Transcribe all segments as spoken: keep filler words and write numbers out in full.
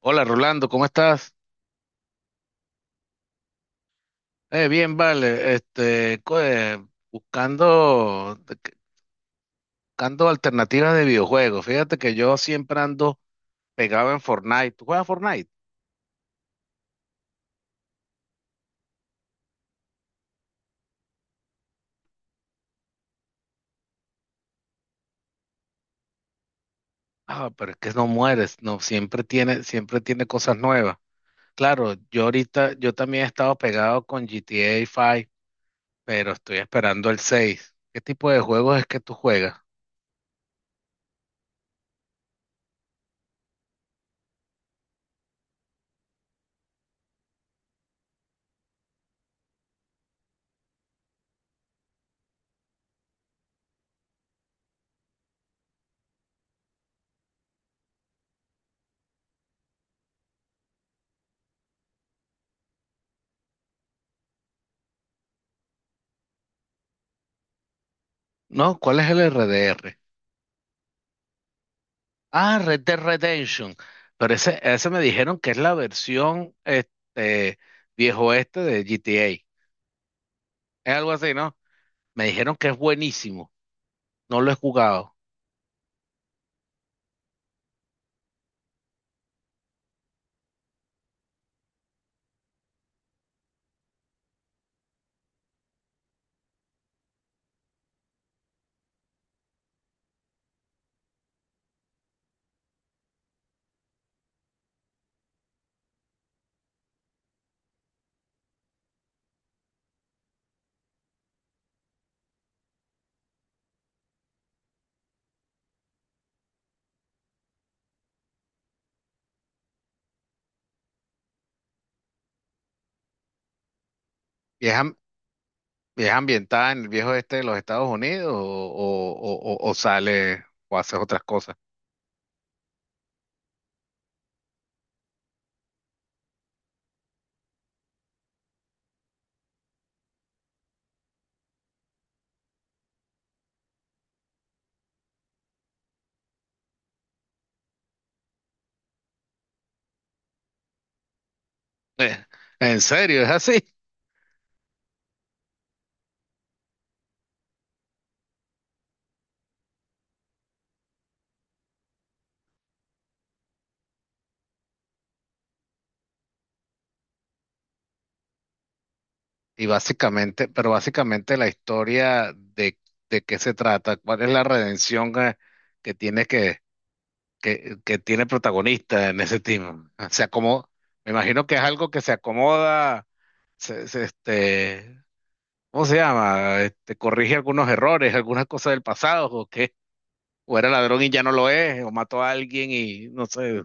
Hola Rolando, ¿cómo estás? Eh, bien, vale. Este, co- eh, buscando, de- que- buscando alternativas de videojuegos. Fíjate que yo siempre ando pegado en Fortnite. ¿Tú juegas Fortnite? Ah, pero es que no mueres, no, siempre tiene, siempre tiene cosas nuevas. Claro, yo ahorita, yo también he estado pegado con G T A cinco, pero estoy esperando el seis. ¿Qué tipo de juegos es que tú juegas? No, ¿cuál es el R D R? Ah, Red Dead Redemption. Pero ese, ese me dijeron que es la versión este, viejo este de G T A. Es algo así, ¿no? Me dijeron que es buenísimo. No lo he jugado. ¿Y es, am- y es ambientada en el viejo este de los Estados Unidos o, o- o- o- o sale o hace otras cosas? Eh, en serio, ¿es así? Y básicamente, pero básicamente la historia de, de qué se trata, cuál es la redención eh, que tiene que que, que tiene protagonista en ese team. Se acomoda, me imagino que es algo que se acomoda, se, se, este, ¿cómo se llama? Este, corrige algunos errores, algunas cosas del pasado, o qué, o era ladrón y ya no lo es, o mató a alguien y no sé.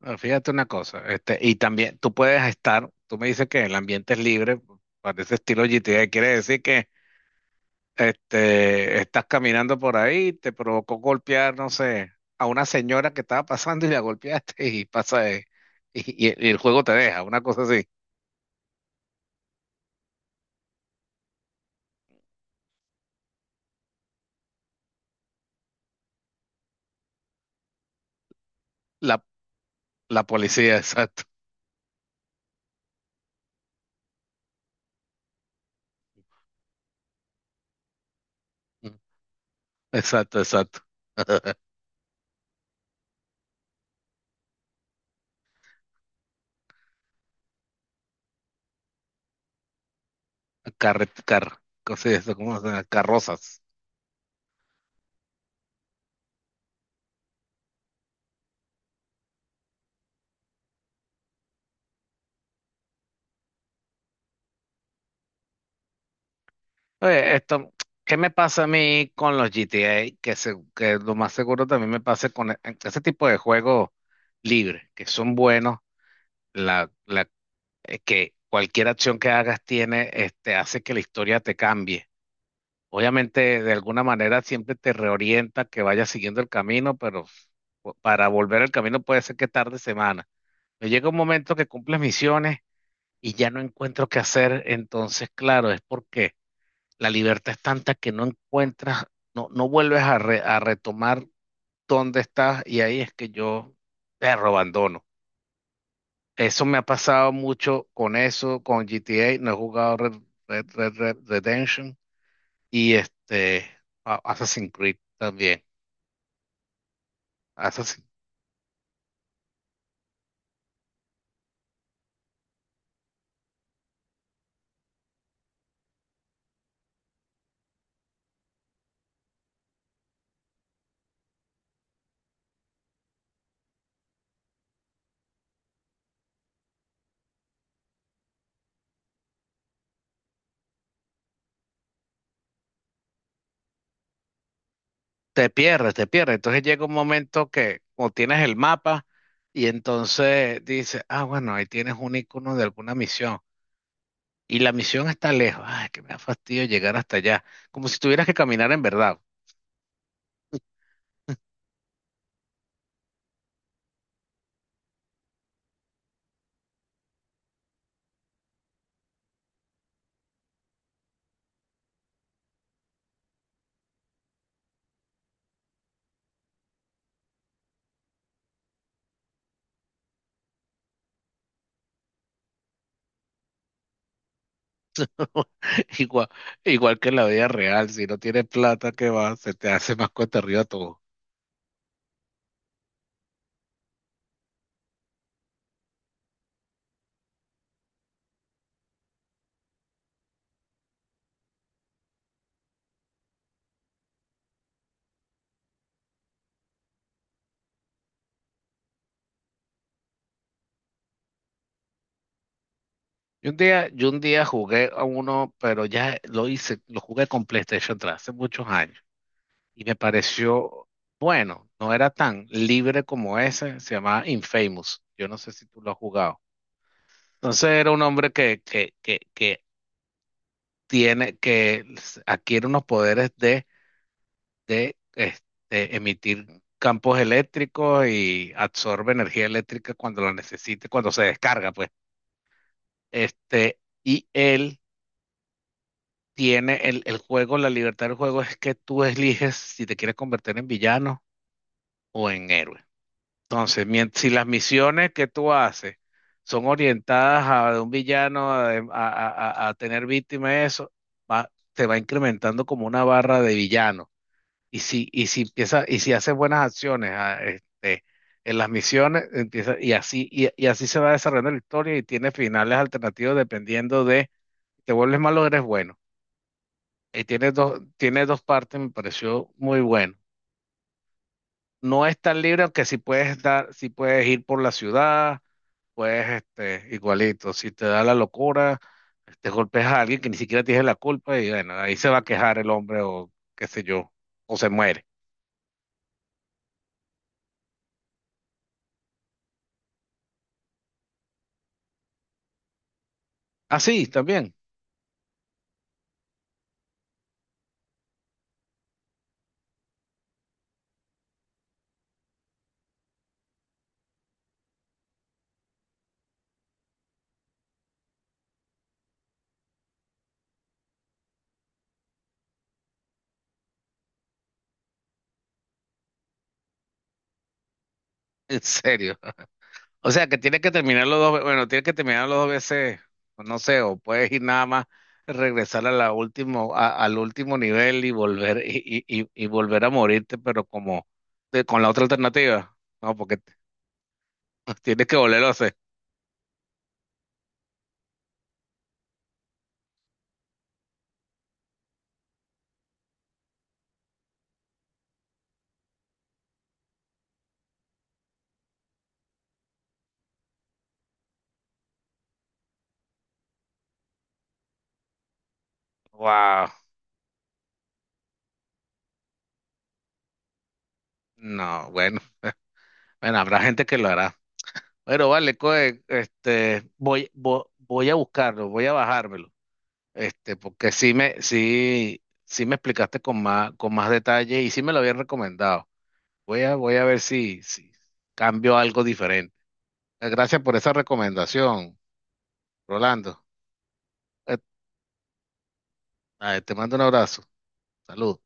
Ah, fíjate una cosa, este, y también tú puedes estar, tú me dices que el ambiente es libre, para ese estilo G T A, quiere decir que este, estás caminando por ahí, te provocó golpear, no sé, a una señora que estaba pasando y la golpeaste y pasa, de- y, y- y el juego te deja, una cosa así. La, la policía, exacto. Exacto, exacto. Carre- car- cosas de eso, ¿cómo se llama? Carrozas. Oye, esto, ¿qué me pasa a mí con los G T A? Que, se- que lo más seguro también me pase con e- ese tipo de juegos libres, que son buenos, la, la eh, que cualquier acción que hagas tiene, este, hace que la historia te cambie. Obviamente, de alguna manera siempre te reorienta que vayas siguiendo el camino, pero fu- para volver al camino puede ser que tarde semanas. Me llega un momento que cumples misiones y ya no encuentro qué hacer, entonces, claro, es porque la libertad es tanta que no encuentras, no, no vuelves a, re- a retomar dónde estás y ahí es que yo te abandono. Eso me ha pasado mucho con eso, con G T A. No he jugado Red, Red, Red, Red Redemption y este a- Assassin's Creed también. Assassin- Te pierdes, te pierdes. Entonces llega un momento que o tienes el mapa y entonces dices, ah, bueno, ahí tienes un icono de alguna misión. Y la misión está lejos. Ay, que me da fastidio llegar hasta allá. Como si tuvieras que caminar en verdad. Igual, igual que en la vida real. Si no tienes plata, ¿qué va? Se te hace más cuesta arriba todo. Yo un día, yo un día jugué a uno, pero ya lo hice, lo jugué con PlayStation tres hace muchos años y me pareció bueno, no era tan libre como ese, se llamaba Infamous. Yo no sé si tú lo has jugado. Entonces era un hombre que, que, que, que tiene, que s- adquiere unos poderes de, de este, emitir campos eléctricos y absorbe energía eléctrica cuando la necesite, cuando se descarga, pues. Este, y él tiene el, el juego, la libertad del juego es que tú eliges si te quieres convertir en villano o en héroe. Entonces, mien- si las misiones que tú haces son orientadas a de un villano, a, de- a- a- a- a tener víctimas, eso, va, te va incrementando como una barra de villano. Y si, y si empieza, y si haces buenas acciones ah, este, en las misiones, empieza, y así, y, y así se va desarrollando la historia y tiene finales alternativos dependiendo de te vuelves malo o eres bueno. Y tiene dos, tiene dos partes, me pareció muy bueno. No es tan libre, aunque si puedes estar, si puedes ir por la ciudad, puedes, este, igualito. Si te da la locura, te golpes a alguien que ni siquiera tiene la culpa y bueno, ahí se va a quejar el hombre o qué sé yo, o se muere. Así también, en serio. O sea, que tienes que terminarlo dos, ve- bueno, tienes que terminarlo dos veces, o no sé, o puedes ir nada más, regresar a la último, a- al último nivel y volver, y, y, y- y volver a morirte, pero como de- con la otra alternativa. No, porque t- tienes que volverlo a hacer. Wow. No, bueno, bueno, habrá gente que lo hará. Pero vale, coe, este, voy, vo- voy a buscarlo, voy a bajármelo. Este, porque sí me, sí, sí me explicaste con más, con más detalle y sí me lo habían recomendado. Voy a, voy a ver si, si cambio algo diferente. Gracias por esa recomendación, Rolando. Eh, ah, Te mando un abrazo. Salud.